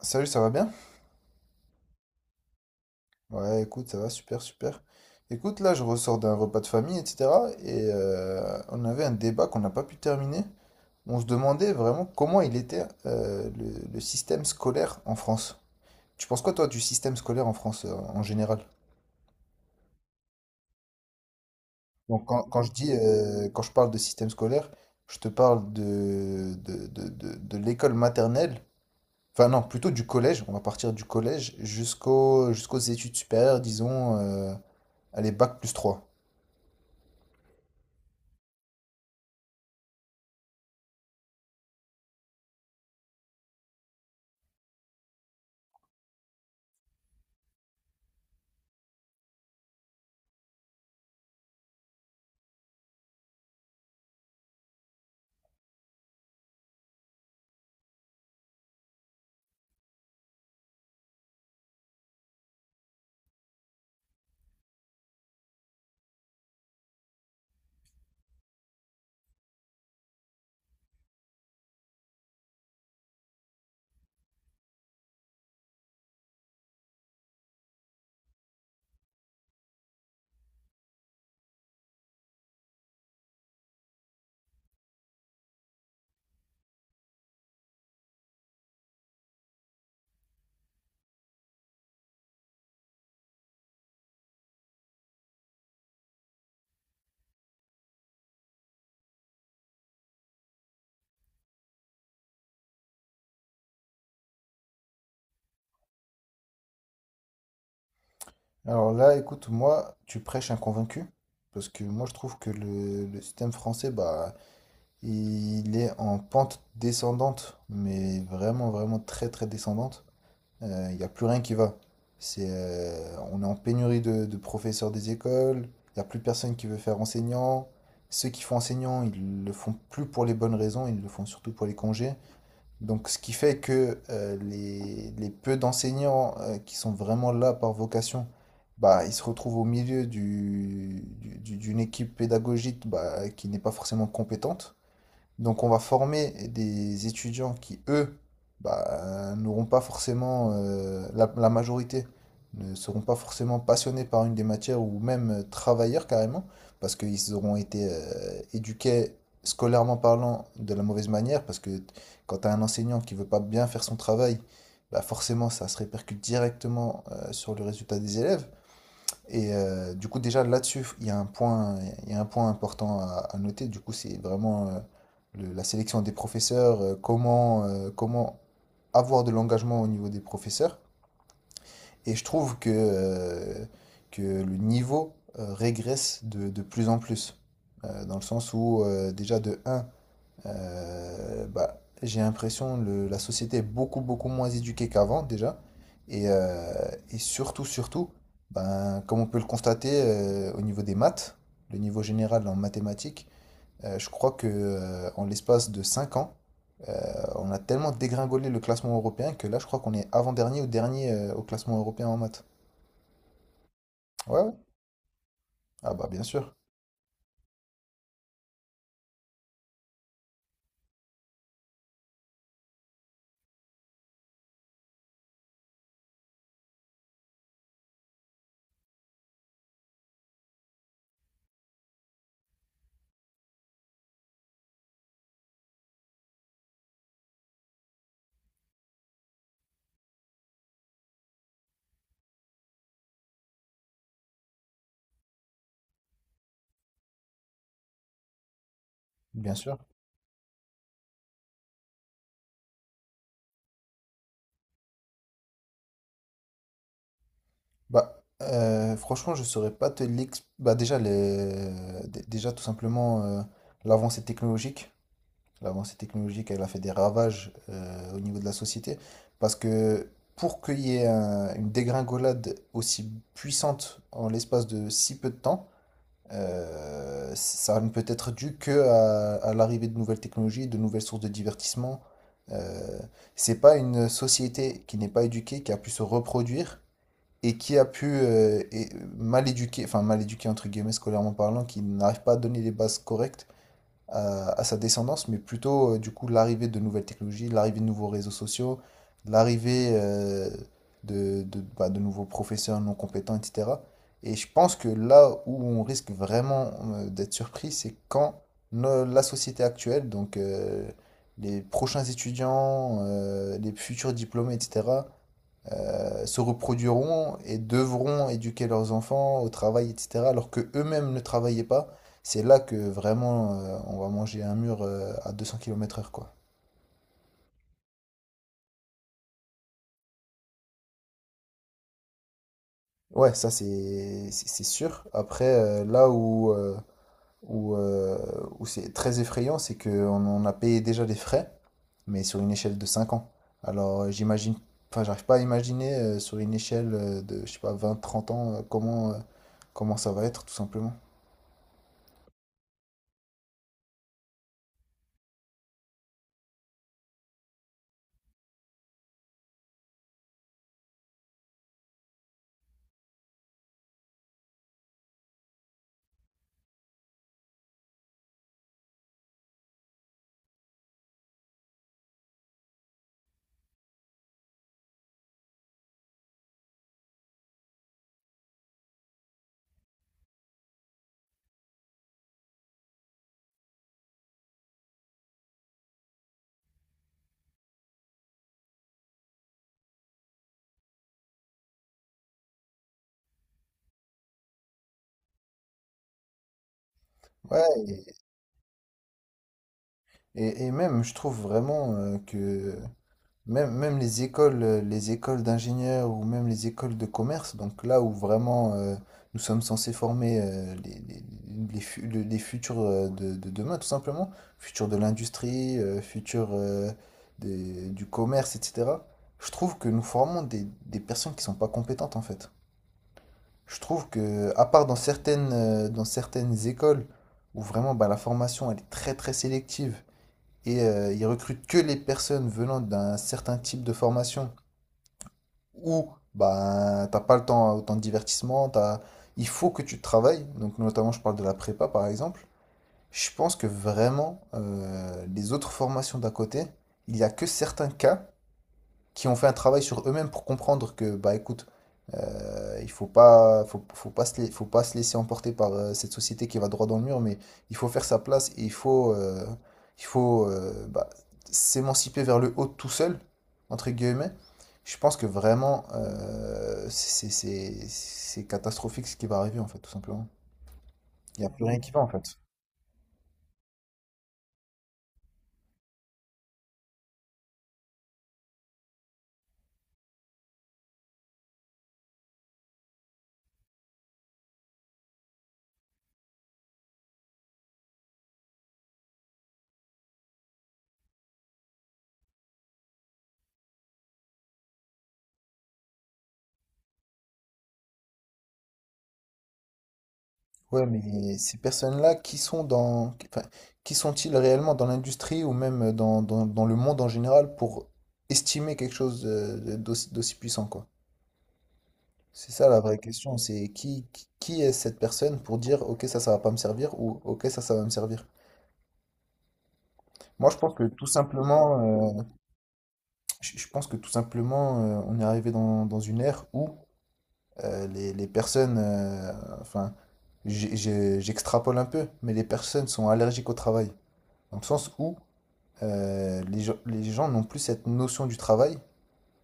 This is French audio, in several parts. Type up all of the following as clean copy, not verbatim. Salut, ça va bien? Ouais, écoute, ça va, super, super. Écoute, là, je ressors d'un repas de famille, etc. Et on avait un débat qu'on n'a pas pu terminer. On se demandait vraiment comment il était le système scolaire en France. Tu penses quoi, toi, du système scolaire en France en général? Donc, quand je parle de système scolaire, je te parle de l'école maternelle. Enfin, non, plutôt du collège. On va partir du collège jusqu'aux études supérieures, disons, allez, bac plus 3. Alors là, écoute, moi, tu prêches un convaincu, parce que moi, je trouve que le système français, bah, il est en pente descendante, mais vraiment, vraiment très, très descendante. Il n'y a plus rien qui va. On est en pénurie de professeurs des écoles, il n'y a plus personne qui veut faire enseignant. Ceux qui font enseignant, ils le font plus pour les bonnes raisons, ils le font surtout pour les congés. Donc, ce qui fait que les peu d'enseignants qui sont vraiment là par vocation, bah, ils se retrouvent au milieu d'une équipe pédagogique, bah, qui n'est pas forcément compétente. Donc on va former des étudiants qui, eux, bah, n'auront pas forcément, la majorité, ne seront pas forcément passionnés par une des matières ou même travailleurs carrément, parce qu'ils auront été éduqués scolairement parlant de la mauvaise manière, parce que quand tu as un enseignant qui veut pas bien faire son travail, bah forcément ça se répercute directement sur le résultat des élèves. Et du coup, déjà là-dessus, il y a un point, il y a un point important à noter. Du coup, c'est vraiment la sélection des professeurs, comment avoir de l'engagement au niveau des professeurs. Et je trouve que le niveau régresse de plus en plus. Dans le sens où, déjà, de un, bah, j'ai l'impression que la société est beaucoup, beaucoup moins éduquée qu'avant déjà. Et, euh, et surtout, surtout, ben, comme on peut le constater au niveau des maths, le niveau général en mathématiques, je crois que en l'espace de 5 ans, euh, on a tellement dégringolé le classement européen que là, je crois qu'on est avant-dernier ou dernier au classement européen en maths. Ouais, ouais. Ah bah bien sûr, bien sûr. Bah, franchement, je saurais pas te l'expliquer. Bah, déjà, déjà, tout simplement, l'avancée technologique. L'avancée technologique, elle a fait des ravages au niveau de la société. Parce que pour qu'il y ait une dégringolade aussi puissante en l'espace de si peu de temps, ça ne peut être dû que à l'arrivée de nouvelles technologies, de nouvelles sources de divertissement. Euh, c'est pas une société qui n'est pas éduquée qui a pu se reproduire et qui a pu mal éduquer, enfin mal éduquer entre guillemets scolairement parlant, qui n'arrive pas à donner les bases correctes à sa descendance, mais plutôt du coup l'arrivée de nouvelles technologies, l'arrivée de nouveaux réseaux sociaux, l'arrivée de nouveaux professeurs non compétents, etc. Et je pense que là où on risque vraiment d'être surpris, c'est quand la société actuelle, donc les prochains étudiants, les futurs diplômés, etc., se reproduiront et devront éduquer leurs enfants au travail, etc., alors que eux-mêmes ne travaillaient pas, c'est là que vraiment on va manger un mur à 200 km/h, quoi. Ouais, ça c'est sûr. Après, où, euh, où c'est très effrayant, c'est qu'on on a payé déjà des frais, mais sur une échelle de 5 ans. Alors j'imagine, enfin j'arrive pas à imaginer sur une échelle de, je sais pas, 20-30 ans, comment ça va être tout simplement. Ouais. Et même, je trouve vraiment que même, même les écoles d'ingénieurs ou même les écoles de commerce, donc là où vraiment nous sommes censés former les futurs de demain, tout simplement, futurs de l'industrie, futurs du commerce, etc. Je trouve que nous formons des personnes qui sont pas compétentes en fait. Je trouve que, à part dans certaines écoles où vraiment, bah, la formation elle est très très sélective, et ils recrutent que les personnes venant d'un certain type de formation où, bah, t'as pas le temps autant de divertissement, t'as... il faut que tu travailles. Donc, notamment, je parle de la prépa par exemple. Je pense que vraiment, les autres formations d'à côté, il y a que certains cas qui ont fait un travail sur eux-mêmes pour comprendre que, bah écoute, il faut pas, faut, faut pas se laisser emporter par cette société qui va droit dans le mur, mais il faut faire sa place et il faut, bah, s'émanciper vers le haut tout seul, entre guillemets. Je pense que vraiment, c'est catastrophique ce qui va arriver, en fait, tout simplement. Il n'y a plus rien qui va, en fait. Ouais, mais ces personnes-là, enfin, qui sont-ils réellement dans l'industrie ou même dans, dans le monde en général pour estimer quelque chose d'aussi puissant, quoi? C'est ça la vraie question, c'est qui est cette personne pour dire, ok, ça va pas me servir ou ok, ça va me servir. Moi, je pense que tout simplement, on est arrivé dans une ère où les personnes, enfin, j'extrapole un peu, mais les personnes sont allergiques au travail. Dans le sens où les gens n'ont plus cette notion du travail,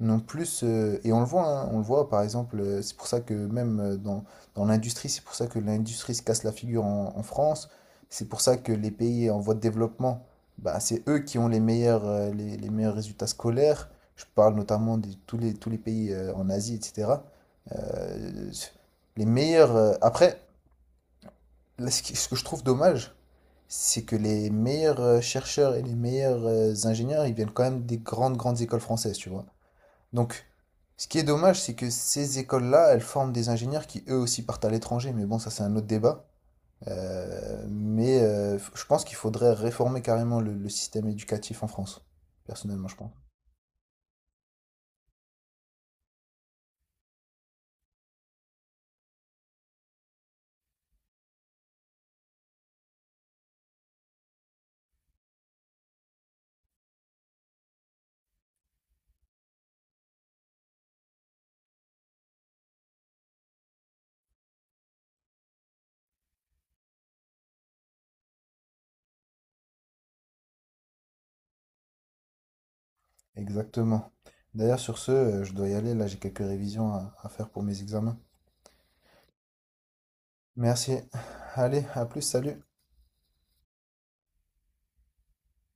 non plus, et on le voit, hein, on le voit par exemple, c'est pour ça que même dans l'industrie, c'est pour ça que l'industrie se casse la figure en France, c'est pour ça que les pays en voie de développement, bah, c'est eux qui ont les meilleurs, les meilleurs résultats scolaires. Je parle notamment de tous les pays en Asie, etc. Euh, les meilleurs. euh, après, Là, ce qui- ce que je trouve dommage, c'est que les meilleurs chercheurs et les meilleurs ingénieurs, ils viennent quand même des grandes, grandes écoles françaises, tu vois. Donc, ce qui est dommage, c'est que ces écoles-là, elles forment des ingénieurs qui eux aussi partent à l'étranger, mais bon, ça c'est un autre débat. Mais je pense qu'il faudrait réformer carrément le système éducatif en France, personnellement, je pense. Exactement. D'ailleurs, sur ce, je dois y aller, là j'ai quelques révisions à faire pour mes examens. Merci. Allez, à plus, salut.